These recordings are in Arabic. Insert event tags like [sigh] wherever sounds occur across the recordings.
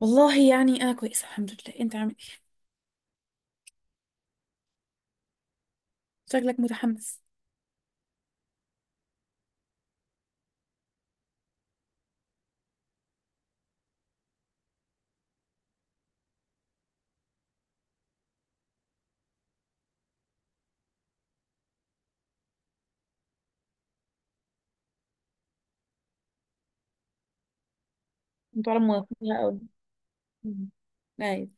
والله يعني انا كويسه الحمد لله، انت عامل ايه؟ شكلك متحمس. انتوا على موافقين قوي. مم. ايوه.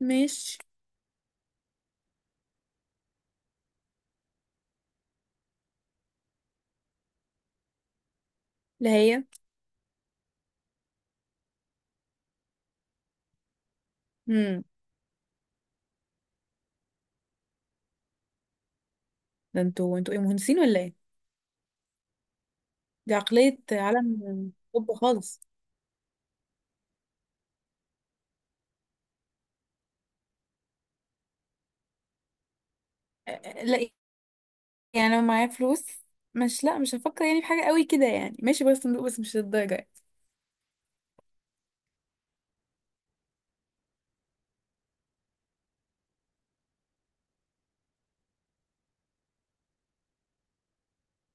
ماشي. اللي هي؟ امم. ده انتوا ايه، مهندسين ولا ايه؟ دي عقليه عالم طب خالص. لا، يعني لو معايا فلوس، مش لا مش هفكر يعني في حاجه قوي كده، يعني ماشي، بس صندوق، بس مش للدرجه يعني.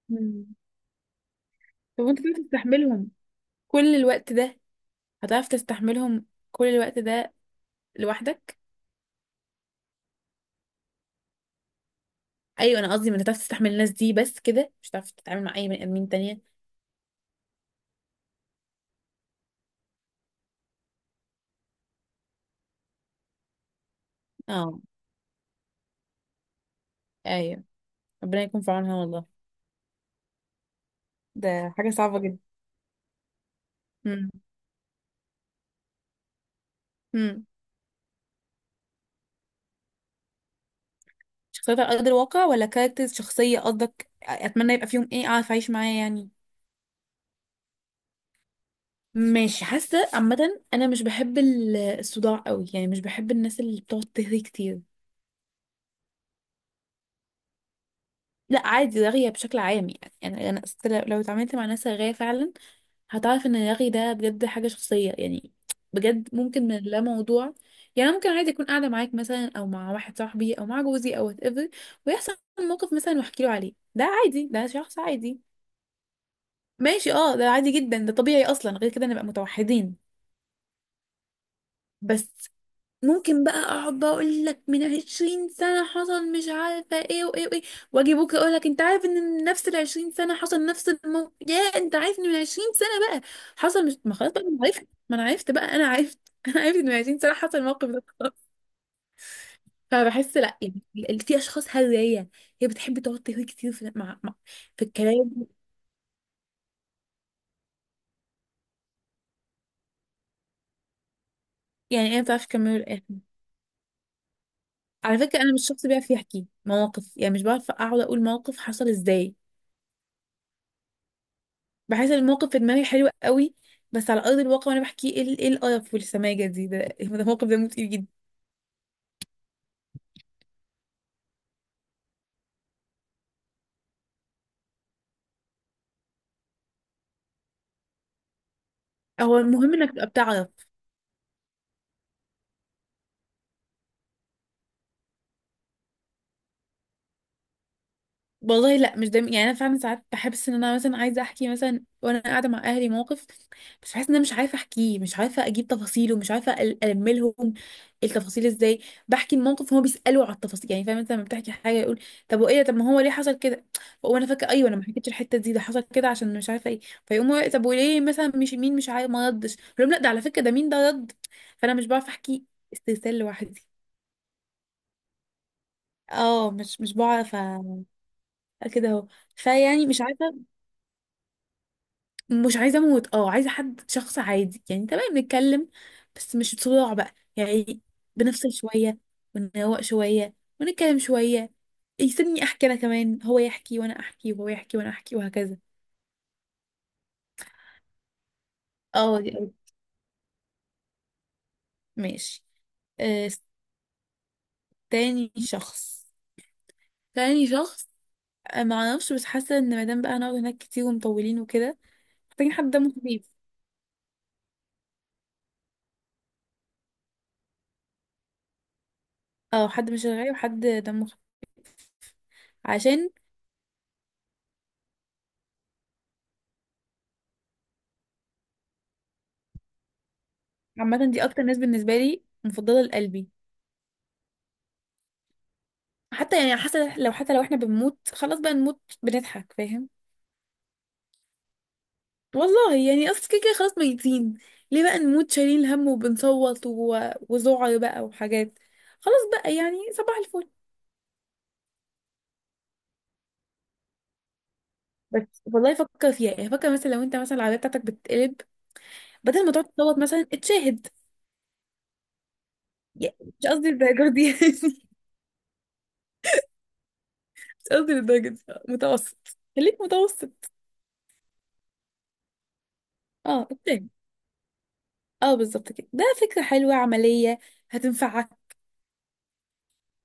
مم. طب انت كنت تستحملهم كل الوقت ده؟ هتعرف تستحملهم كل الوقت ده لوحدك؟ ايوه، انا قصدي ما هتعرف تستحمل الناس دي بس كده، مش هتعرف تتعامل مع اي بني ادمين تانية. اه. ايوه. ربنا يكون في عونها والله. ده حاجة صعبة جدا. امم. امم. شخصيات على قدر الواقع ولا كاركترز شخصية قصدك؟ اتمنى يبقى فيهم ايه اعرف اعيش معاه يعني. ماشي، حاسة عامة. أنا مش بحب الصداع قوي يعني، مش بحب الناس اللي بتقعد تهري كتير. لا عادي، رغية بشكل عام يعني. أنا أصل لو اتعاملت مع ناس رغاية فعلا، هتعرف ان الرغي ده بجد حاجة شخصية يعني. بجد ممكن من لا موضوع، يعني ممكن عادي اكون قاعدة معاك مثلا او مع واحد صاحبي او مع جوزي او وات ايفر، ويحصل موقف مثلا واحكي له عليه، ده عادي، ده شخص عادي. ماشي اه، ده عادي جدا، ده طبيعي اصلا، غير كده نبقى متوحدين. بس ممكن بقى اقعد بقى اقول لك من عشرين سنة حصل مش عارفة ايه وايه وايه، واجي بكرة اقول لك انت عارف ان من نفس العشرين سنة حصل نفس الموقف، يا انت عارف ان من عشرين سنة بقى حصل، مش، ما خلاص بقى انا عرفت، ما انا عرفت بقى، انا عرفت [laughs] انا عرفت ان من عشرين سنة حصل الموقف ده، خلاص. فبحس لا يعني. في اشخاص هرية، هي بتحب تقعد تهري كتير في الكلام. يعني انا بتعرف اكمله للاخر. على فكرة انا مش شخص بيعرف يحكي مواقف، يعني مش بعرف اقعد اقول موقف حصل ازاي. بحس إن الموقف في دماغي حلو قوي، بس على ارض الواقع وانا بحكيه ايه، ايه القرف والسماجه دي ده [laughs] الموقف ده متقيل جدا. هو المهم انك تبقى بتعرف. والله لا، مش دايما يعني، انا فعلا ساعات بحس ان انا مثلا عايزه احكي مثلا وانا قاعده مع اهلي موقف، بس بحس ان انا مش عارفه احكيه، مش عارفه اجيب تفاصيله، مش عارفه الملهم التفاصيل ازاي. بحكي الموقف هما بيسالوا على التفاصيل، يعني فاهم؟ انت لما بتحكي حاجه يقول طب وايه ده؟ طب ما هو ليه حصل كده؟ وانا فاكره ايوه، انا ما حكيتش الحته دي، ده حصل كده عشان مش عارفه ايه. فيقوموا طب وليه مثلا، مش مين، مش عارف ما ردش، أقول لهم لا ده على فكره ده مين ده رد. فانا مش بعرف احكي استرسال لوحدي. مش بعرف كده اهو، فيعني مش عارفه. مش عايزه اموت، اه عايزه حد شخص عادي يعني، تمام نتكلم بس مش صداع بقى يعني. بنفصل شويه ونروق شويه ونتكلم شويه، يسيبني احكي انا كمان، هو يحكي وانا احكي وهو يحكي وانا احكي وهكذا. اه، ماشي. آه. تاني شخص تاني شخص. آه، ما اعرفش، بس حاسه ان مادام بقى هنقعد هناك كتير ومطولين وكده، محتاجين حد دمه خفيف. اه، حد مش رغاي وحد دمه خفيف. عشان عامه دي اكتر ناس بالنسبه لي مفضله لقلبي. حتى يعني، حتى لو احنا بنموت، خلاص بقى نموت بنضحك فاهم. والله يعني اصل كده كده خلاص ميتين، ليه بقى نموت شايلين هم وبنصوت و... وذعر بقى وحاجات، خلاص بقى يعني صباح الفل. بس والله فكر فيها يعني، فكر مثلا لو انت مثلا العربيه بتاعتك بتتقلب، بدل ما تقعد تصوت مثلا اتشاهد. يعني مش قصدي الدرجه دي [laughs] يعني مش قصدي الدرجه دي، متوسط، خليك متوسط. اه اتشاهد. اه بالظبط كده، ده فكره حلوه عمليه، هتنفعك.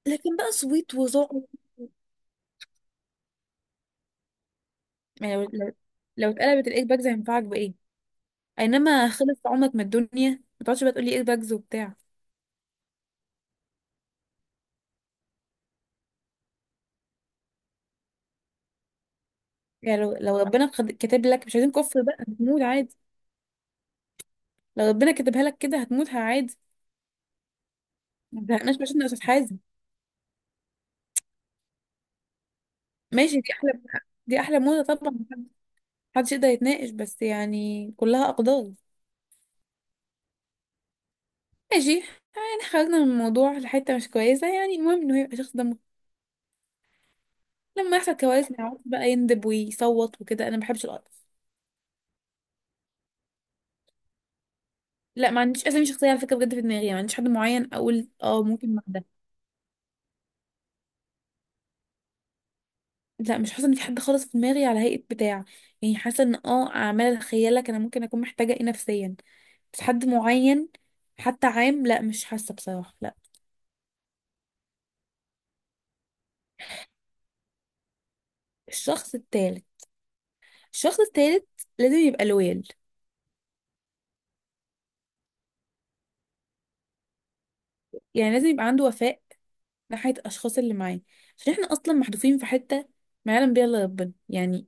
لكن بقى صويت وذعر؟ يعني لو اتقلبت الايد باجز هينفعك بايه؟ اينما خلص عمرك من الدنيا، ما تقعدش بقى تقولي ايد باجز وبتاع. يعني لو ربنا كاتب لك، مش عايزين كفر بقى، هتموت عادي. لو ربنا كاتبها لك كده هتموت عادي. ما تزهقناش مش يا استاذ حازم. ماشي، دي احلى موضه طبعا. محدش يقدر يتناقش بس يعني كلها اقدار. ماشي. يعني خرجنا من الموضوع لحته مش كويسه، يعني المهم انه هيبقى شخص دمه لما يحصل كوارث ما يعرفش بقى يندب ويصوت وكده، انا ما بحبش القرف. لا ما عنديش اسامي شخصيه على فكره، بجد في دماغي ما عنديش حد معين اقول اه ممكن مع ده. لا مش حاسه ان في حد خالص في دماغي على هيئه بتاع، يعني حاسه ان اه اعمال اتخيلك انا ممكن اكون محتاجه ايه نفسيا، بس حد معين حتى عام، لا مش حاسه بصراحه، لا. الشخص التالت الشخص التالت لازم يبقى لويال، يعني لازم يبقى عنده وفاء ناحيه الاشخاص اللي معاه، عشان احنا اصلا محدودين في حته ما يعلم بيها الا ربنا يعني.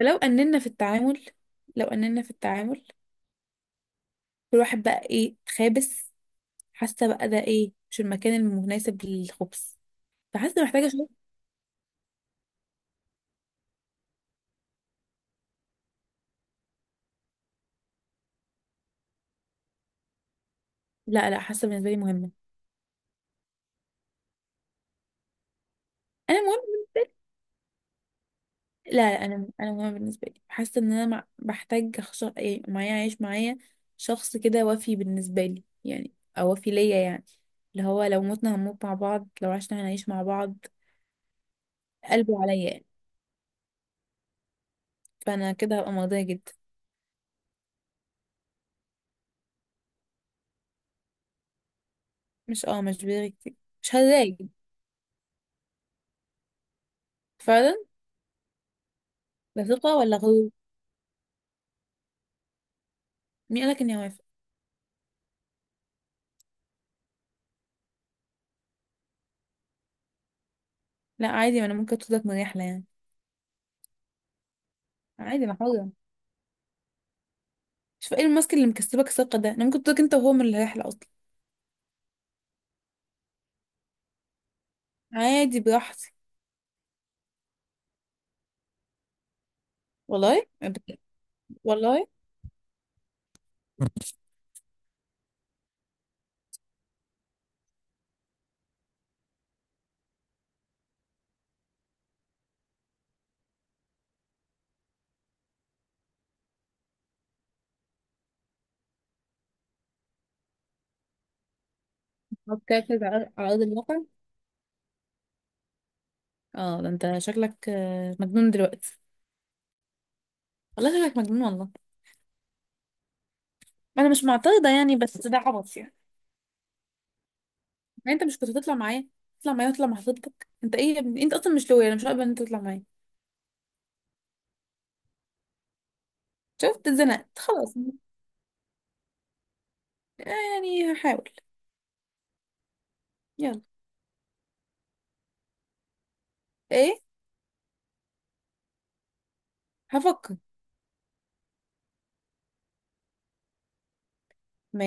فلو اننا في التعامل لو اننا في التعامل كل واحد بقى ايه خابس، حاسه بقى ده ايه، مش المكان المناسب للخبز. فحاسه محتاجه شويه. لا لا، حاسه بالنسبه لي مهمه. انا مهم. لا لا انا، انا مهمه بالنسبه لي، حاسه ان انا بحتاج إيه، معايا عايش معايا شخص كده وفي بالنسبه لي يعني، او وفي ليا يعني، اللي هو لو متنا هنموت مع بعض، لو عشنا هنعيش مع بعض. قلبه عليا يعني. فانا كده هبقى مرضيه جدا. مش بيغي كتير، مش هزايد. فعلا. ده ثقه ولا غرور؟ مين قالك اني هوافق؟ لا عادي، ما انا ممكن اتركك من رحله يعني. عادي انا حره. شوف ايه الماسك اللي مكسبك ثقة ده، انا ممكن تقولك انت وهو من الرحلة اصلا. عادي براحتي. والله والله بتركز على ارض الواقع. اه ده انت شكلك مجنون دلوقتي. والله شكلك مجنون والله. انا مش معترضة يعني، بس ده عبط يعني. يعني انت مش كنت تطلع معايا؟ تطلع معايا وتطلع مع خطيبتك؟ انت ايه يا ابني؟ انت اصلا مش لويا، انا مش هقبل ان انت تطلع معايا. شفت اتزنقت خلاص. آه، يعني هحاول. يلا. ايه. هفكر